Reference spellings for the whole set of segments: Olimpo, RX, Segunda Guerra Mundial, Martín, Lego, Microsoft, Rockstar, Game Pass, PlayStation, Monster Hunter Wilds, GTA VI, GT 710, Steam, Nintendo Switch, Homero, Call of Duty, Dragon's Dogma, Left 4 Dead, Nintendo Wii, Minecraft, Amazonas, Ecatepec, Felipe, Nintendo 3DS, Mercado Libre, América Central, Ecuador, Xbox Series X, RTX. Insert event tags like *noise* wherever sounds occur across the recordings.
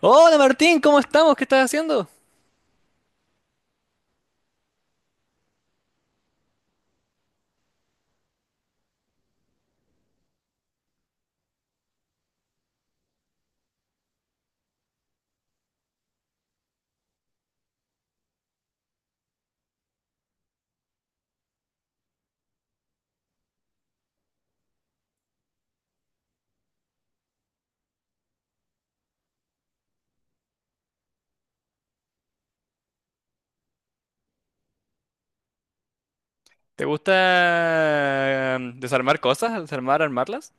Hola Martín, ¿cómo estamos? ¿Qué estás haciendo? ¿Te gusta desarmar cosas? ¿Desarmar, armarlas?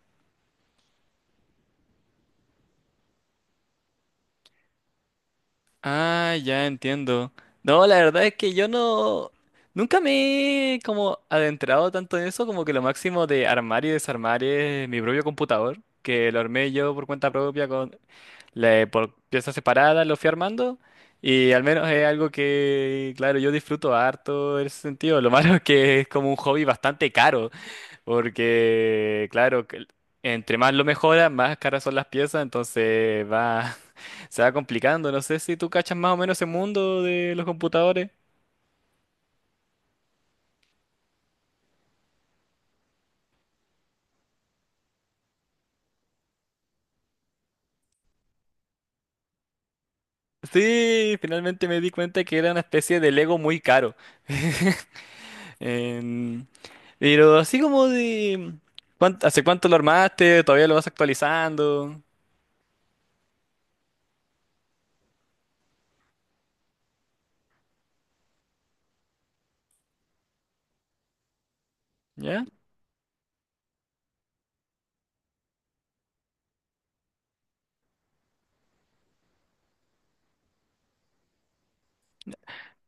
Ah, ya entiendo. No, la verdad es que yo no. Nunca me he como adentrado tanto en eso, como que lo máximo de armar y desarmar es mi propio computador, que lo armé yo por cuenta propia con por piezas separadas, lo fui armando, y al menos es algo que, claro, yo disfruto harto en ese sentido. Lo *laughs* malo es que es como un hobby bastante caro. Porque, claro, que entre más lo mejora, más caras son las piezas, entonces va, *laughs* se va complicando. No sé si tú cachas más o menos ese mundo de los computadores. Sí, finalmente me di cuenta que era una especie de Lego muy caro. *laughs* Em, pero así como de. ¿Hace cuánto lo armaste? ¿Todavía lo vas actualizando? ¿Ya?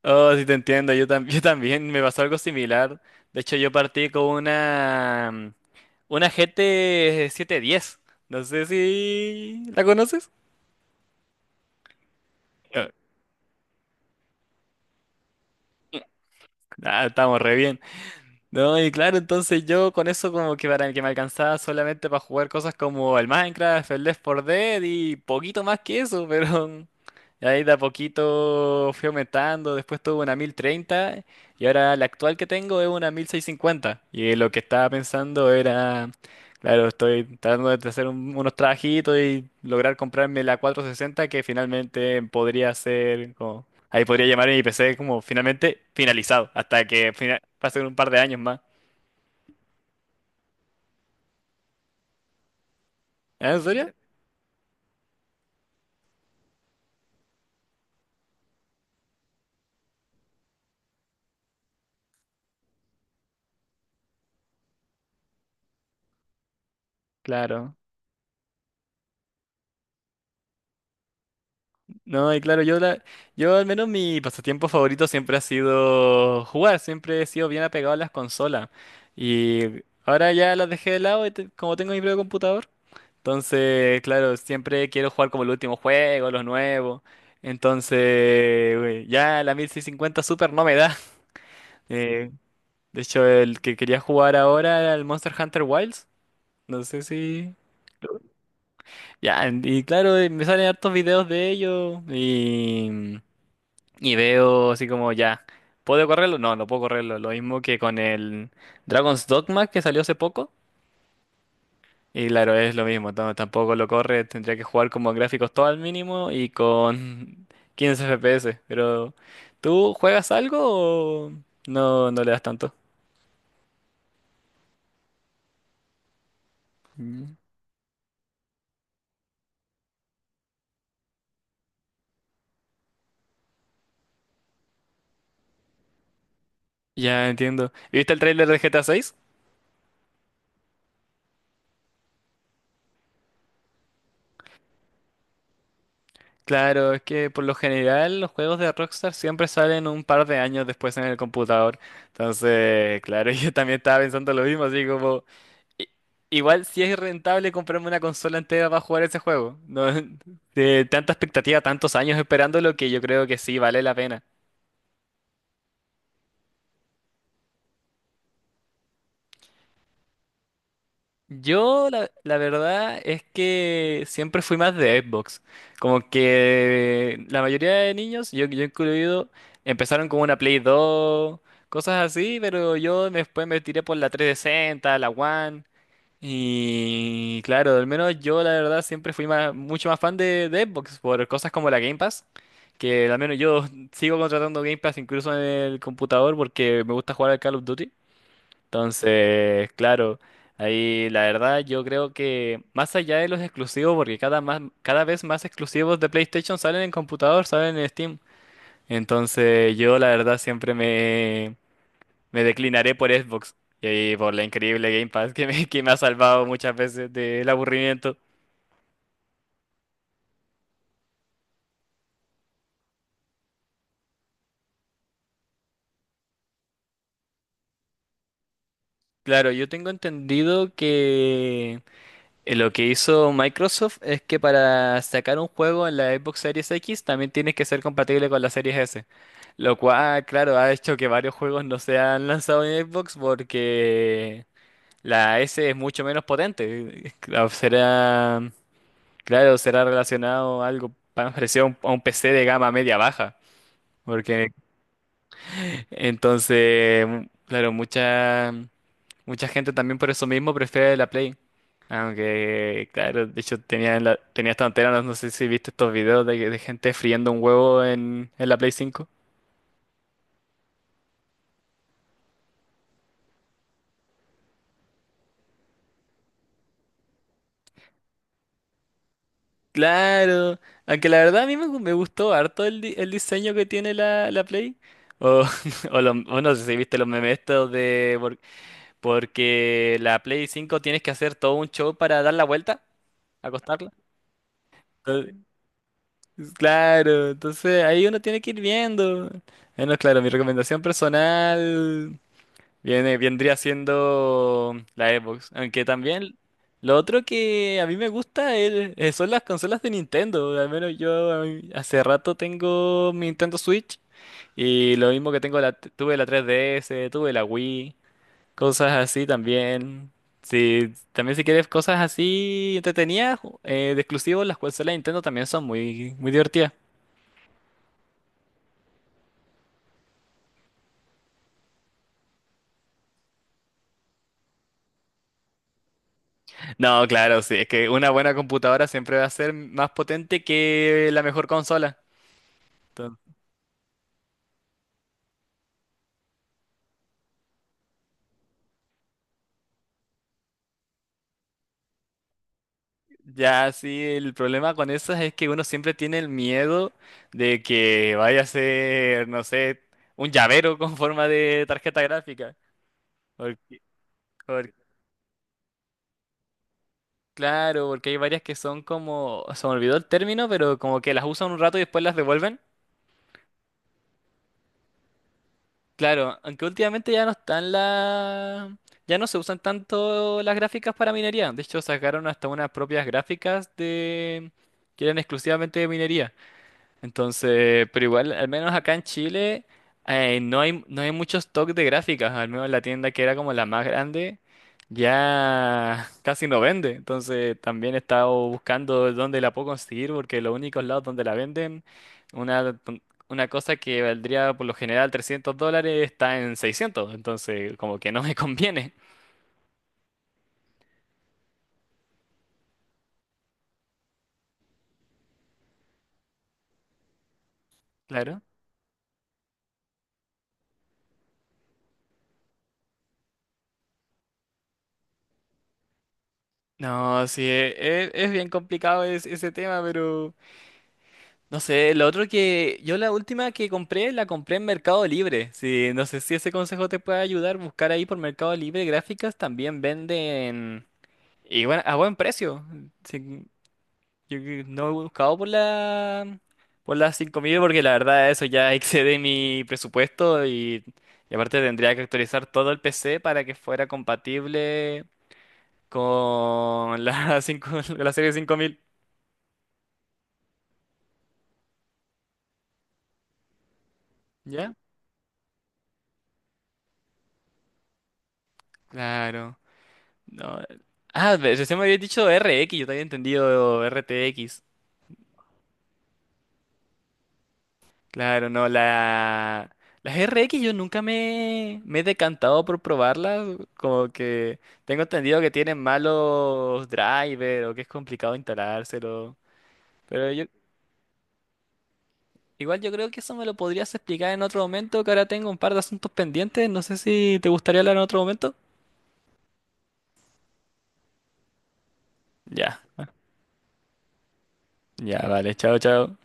Oh, sí te entiendo, *laughs* yo también me pasó algo similar. De hecho, yo partí con una GT 710. No sé si la conoces. Eh, Ah, estamos re bien. No, y claro, entonces yo con eso como que para el que me alcanzaba solamente para jugar cosas como el Minecraft, el Left 4 Dead y poquito más que eso, pero *laughs* ahí de a poquito fui aumentando, después tuve una 1030 y ahora la actual que tengo es una 1650. Y lo que estaba pensando era, claro, estoy tratando de hacer unos trabajitos y lograr comprarme la 460, que finalmente podría ser como. Ahí podría llamar a mi PC como finalmente finalizado, hasta que pasen un par de años más. Ah, ¿en serio? Claro. No, y claro, yo al menos mi pasatiempo favorito siempre ha sido jugar, siempre he sido bien apegado a las consolas. Y ahora ya las dejé de lado, como tengo mi propio computador. Entonces, claro, siempre quiero jugar como el último juego, los nuevos. Entonces, güey, ya la 1650 Super no me da. *laughs* Eh, de hecho, el que quería jugar ahora era el Monster Hunter Wilds. No sé si. Ya, y claro, me salen hartos videos de ellos y veo así como ya, ¿puedo correrlo? No, no puedo correrlo. Lo mismo que con el Dragon's Dogma que salió hace poco. Y claro, es lo mismo, tampoco lo corre, tendría que jugar como a gráficos todo al mínimo y con *laughs* 15 FPS. Pero, ¿tú juegas algo o no, no le das tanto? Mm. Ya entiendo. ¿Viste el tráiler de GTA VI? Claro, es que por lo general los juegos de Rockstar siempre salen un par de años después en el computador. Entonces, claro, *laughs* yo también estaba pensando lo mismo, así como, i- igual si es rentable comprarme una consola entera para jugar ese juego. No, *laughs* de tanta expectativa, tantos años esperándolo, que yo creo que sí vale la pena. Yo la verdad es que siempre fui más de Xbox. Como que la mayoría de niños, yo incluido, empezaron con una Play 2, cosas así, pero yo después me tiré por la 360, la One. Y claro, al menos yo la verdad siempre fui mucho más fan de Xbox, por cosas como la Game Pass, que al menos yo *laughs* sigo contratando Game Pass incluso en el computador, porque me gusta jugar al Call of Duty. Entonces, claro, ahí la verdad yo creo que más allá de los exclusivos, porque cada vez más exclusivos de PlayStation salen en computador, salen en Steam. Entonces, yo la verdad siempre me declinaré por Xbox y por la increíble Game Pass que me ha salvado muchas veces del aburrimiento. Claro, yo tengo entendido que lo que hizo Microsoft es que para sacar un juego en la Xbox Series X también tienes que ser compatible con la Series S. Lo cual, claro, ha hecho que varios juegos no se han lanzado en Xbox, porque la S es mucho menos potente. *laughs* Claro, será relacionado a algo parecido a un, PC de gama media baja. Porque entonces, claro, mucha, mucha gente también por eso mismo prefiere la Play. Aunque, claro, de hecho tenía, tenía esta antena, no, no sé si viste estos videos de gente friendo un huevo en la Play 5. Claro, aunque la verdad a mí me gustó harto el diseño que tiene la Play. O, *laughs* o no sé si viste los memes estos de. Por- porque la Play 5 tienes que hacer todo un show para dar la vuelta, acostarla. Claro, entonces ahí uno tiene que ir viendo. Bueno, claro, mi recomendación personal vendría siendo la Xbox. Aunque también lo otro que a mí me gusta son las consolas de Nintendo. Al menos yo hace rato tengo mi Nintendo Switch, y lo mismo que tuve la 3DS, tuve la Wii, cosas así también. Sí, también si quieres cosas así entretenidas, de exclusivos, las consolas de Nintendo también son muy, muy divertidas. No, claro, sí, es que una buena computadora siempre va a ser más potente que la mejor consola. Entonces, ya sí, el problema con esas es que uno siempre tiene el miedo de que vaya a ser, no sé, un llavero con forma de tarjeta gráfica. Por- por- claro, porque hay varias que son como, se me olvidó el término, pero como que las usan un rato y después las devuelven. Claro, aunque últimamente ya no están la. Ya no se usan tanto las gráficas para minería. De hecho, sacaron hasta unas propias gráficas de, que eran exclusivamente de minería. Entonces, pero igual, al menos acá en Chile, no hay, no hay mucho stock de gráficas, al menos la tienda que era como la más grande, ya *laughs* casi no vende. Entonces, también he estado buscando dónde la puedo conseguir, porque los únicos lados donde la venden, una, una cosa que valdría por lo general $300, está en 600. Entonces como que no me *laughs* conviene, claro. No, sí, es, bien complicado ese tema, pero. No sé, lo otro que yo la última que compré, la compré en Mercado Libre. Sí, no sé si ese consejo te puede ayudar, buscar ahí por Mercado Libre, gráficas también venden, y bueno, a buen precio. Sí, yo que no he buscado por las 5000, porque la verdad eso ya *laughs* excede mi presupuesto, y aparte tendría que actualizar todo el PC para que fuera compatible con la *laughs* 5, la serie 5000. ¿Ya? Claro. No. Ah, recién me había dicho RX, yo te había entendido RTX. Claro, no, la. Las RX yo nunca me he decantado por probarlas, como que tengo entendido que tienen malos drivers o que es complicado instalárselo. Pero yo, igual yo creo que eso me lo podrías explicar en otro momento, que ahora tengo un par de asuntos pendientes, no sé si te gustaría hablar en otro momento. Ya, ya, vale, chao, chao.